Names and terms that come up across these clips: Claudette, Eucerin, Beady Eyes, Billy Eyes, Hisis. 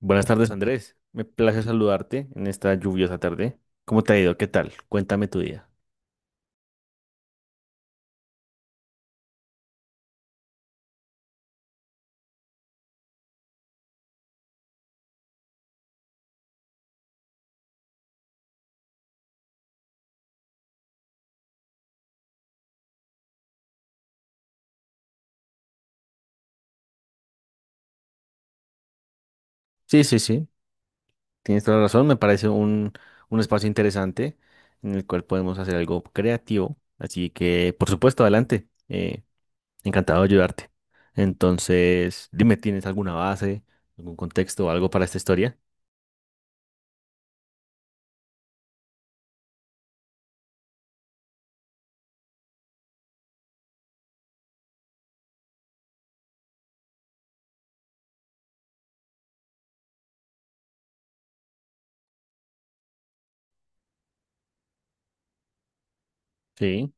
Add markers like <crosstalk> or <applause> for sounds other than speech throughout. Buenas tardes, Andrés. Me place saludarte en esta lluviosa tarde. ¿Cómo te ha ido? ¿Qué tal? Cuéntame tu día. Sí, sí, sí, tienes toda la razón. Me parece un espacio interesante en el cual podemos hacer algo creativo. Así que, por supuesto, adelante. Encantado de ayudarte. Entonces, dime, ¿tienes alguna base, algún contexto o algo para esta historia? Sí,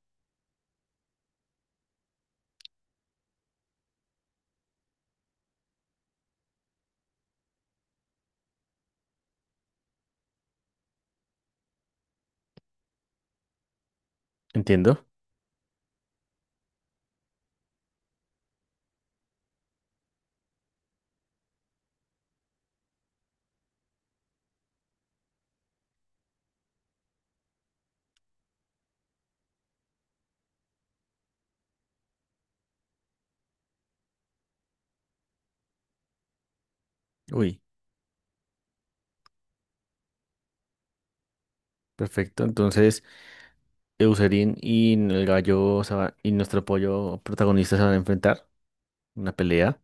entiendo. Uy, perfecto. Entonces, Eucerin y el gallo se va- y nuestro pollo protagonista se van a enfrentar en una pelea.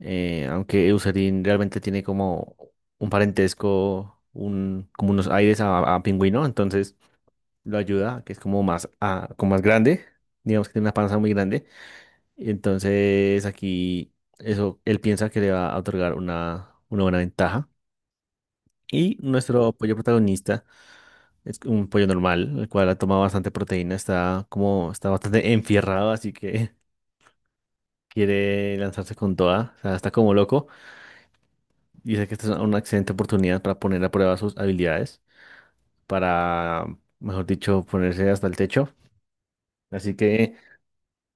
Aunque Eucerin realmente tiene como un parentesco, un, como unos aires a pingüino, entonces lo ayuda, que es como más, como más grande, digamos que tiene una panza muy grande, y entonces aquí eso, él piensa que le va a otorgar una buena ventaja. Y nuestro pollo protagonista es un pollo normal, el cual ha tomado bastante proteína, está bastante enfierrado, así que <laughs> quiere lanzarse con toda, o sea, está como loco. Dice que esta es una excelente oportunidad para poner a prueba sus habilidades, para, mejor dicho, ponerse hasta el techo. Así que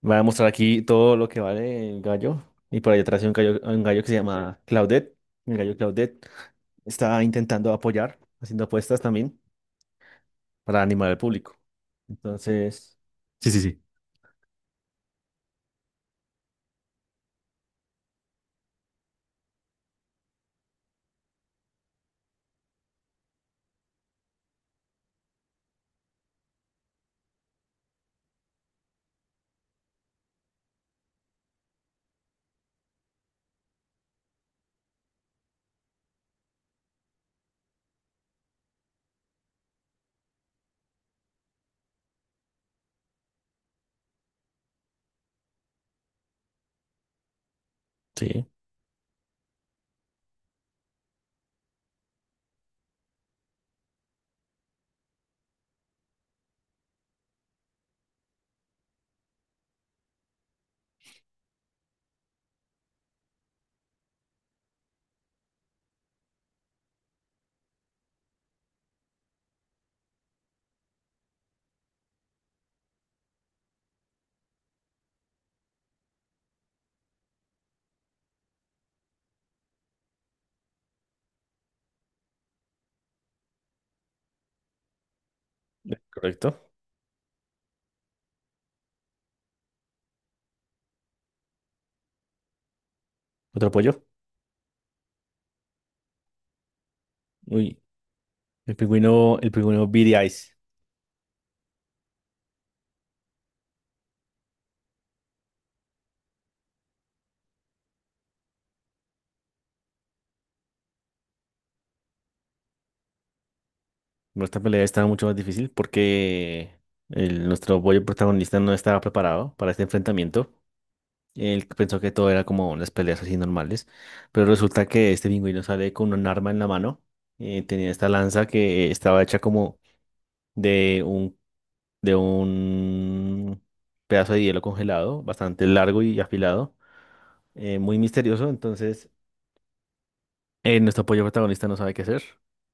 va a mostrar aquí todo lo que vale el gallo. Y por ahí atrás hay un gallo que se llama Claudette. El gallo Claudette está intentando apoyar, haciendo apuestas también para animar al público. Entonces, Sí, sí, sí, sí, correcto. Otro apoyo. Uy, el pingüino Beady Eyes. Bueno, esta pelea estaba mucho más difícil porque nuestro bollo protagonista no estaba preparado para este enfrentamiento. Él pensó que todo era como unas peleas así normales, pero resulta que este pingüino sale con un arma en la mano. Tenía esta lanza que estaba hecha como de un, de un pedazo de hielo congelado, bastante largo y afilado, muy misterioso. Entonces, nuestro pollo protagonista no sabe qué hacer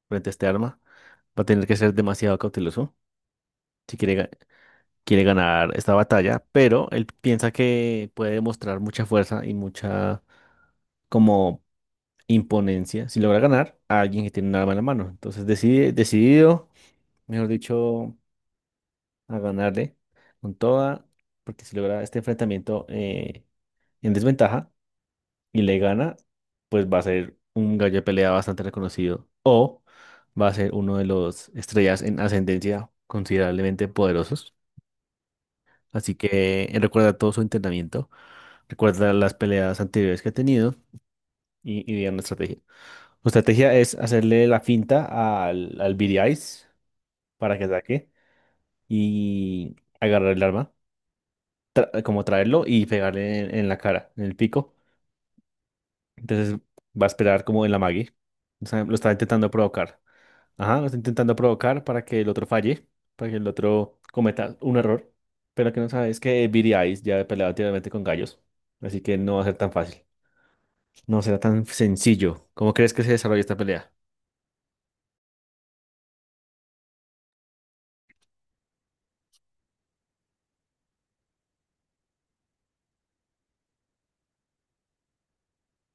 frente a este arma. Va a tener que ser demasiado cauteloso si quiere ganar esta batalla, pero él piensa que puede demostrar mucha fuerza y mucha como imponencia si logra ganar a alguien que tiene un arma en la mano. Entonces decide, decidido, mejor dicho, a ganarle con toda, porque si logra este enfrentamiento en desventaja y le gana, pues va a ser un gallo de pelea bastante reconocido o va a ser uno de los estrellas en ascendencia considerablemente poderosos. Así que recuerda todo su entrenamiento, recuerda las peleas anteriores que ha tenido y diga una estrategia. Su estrategia es hacerle la finta al Billy Eyes para que ataque y agarrar el arma, como traerlo y pegarle en la cara, en el pico. Entonces va a esperar como en la Maggie. O sea, lo está intentando provocar. Ajá, está intentando provocar para que el otro falle, para que el otro cometa un error. Pero lo que no sabe es que Billy Eyes ya ha peleado anteriormente con gallos, así que no va a ser tan fácil. No será tan sencillo. ¿Cómo crees que se desarrolla esta pelea?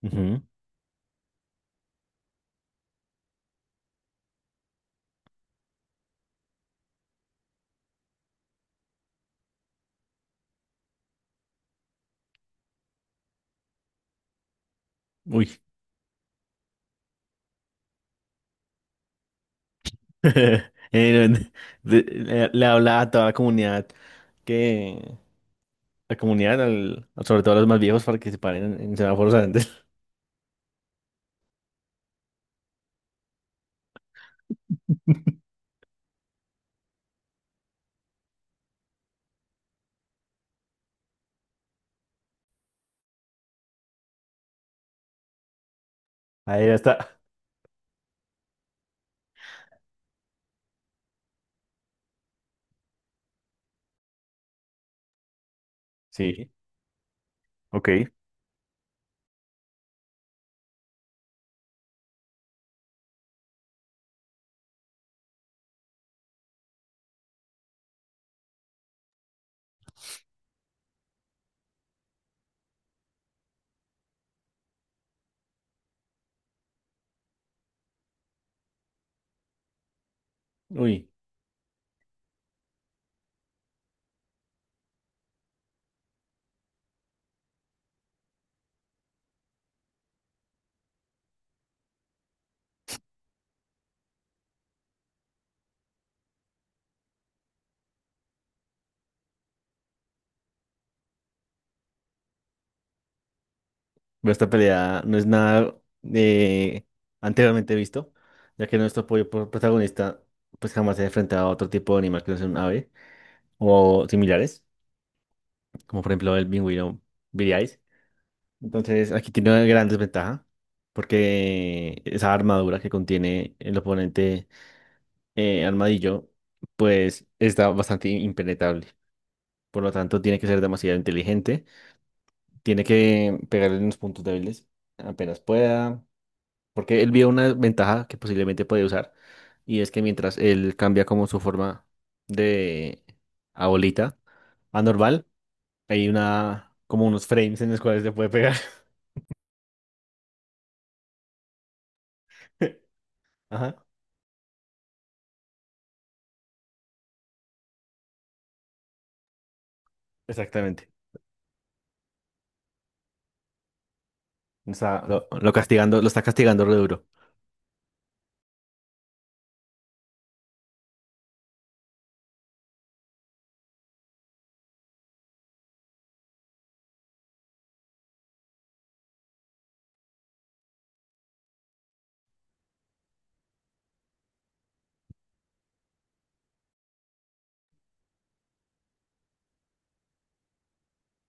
Ujú. Uy. <laughs> No, le, le habla a toda la comunidad que la comunidad, sobre todo a los más viejos, para que se paren en semáforos antes. <laughs> Ahí ya está. Sí. Ok. Uy. Pero esta pelea no es nada eh, anteriormente visto, ya que nuestro protagonista pues jamás se ha enfrentado a otro tipo de animal que no sea un ave o similares, como por ejemplo el pingüino viriáis. Entonces aquí tiene una gran desventaja, porque esa armadura que contiene el oponente armadillo pues está bastante impenetrable. Por lo tanto, tiene que ser demasiado inteligente, tiene que pegarle en los puntos débiles apenas pueda. Porque él vio una ventaja que posiblemente puede usar. Y es que mientras él cambia como su forma de a bolita a normal, hay una como unos frames en los cuales le puede pegar. <laughs> Ajá, exactamente. O sea, lo castigando, lo está castigando re duro.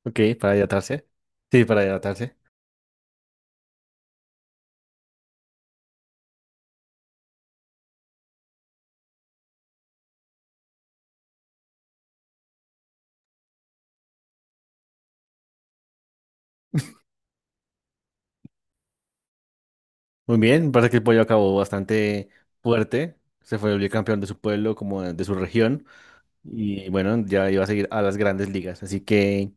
Ok, para hidratarse. Sí, para hidratarse. Muy bien, parece que el pollo acabó bastante fuerte, se fue el campeón de su pueblo, como de su región, y bueno, ya iba a seguir a las grandes ligas. Así que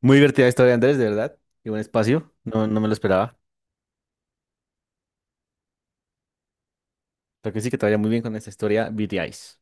muy divertida historia, Andrés, de verdad, y buen espacio, no, no me lo esperaba. Pero que sí, que te vaya muy bien con esta historia, BTIs.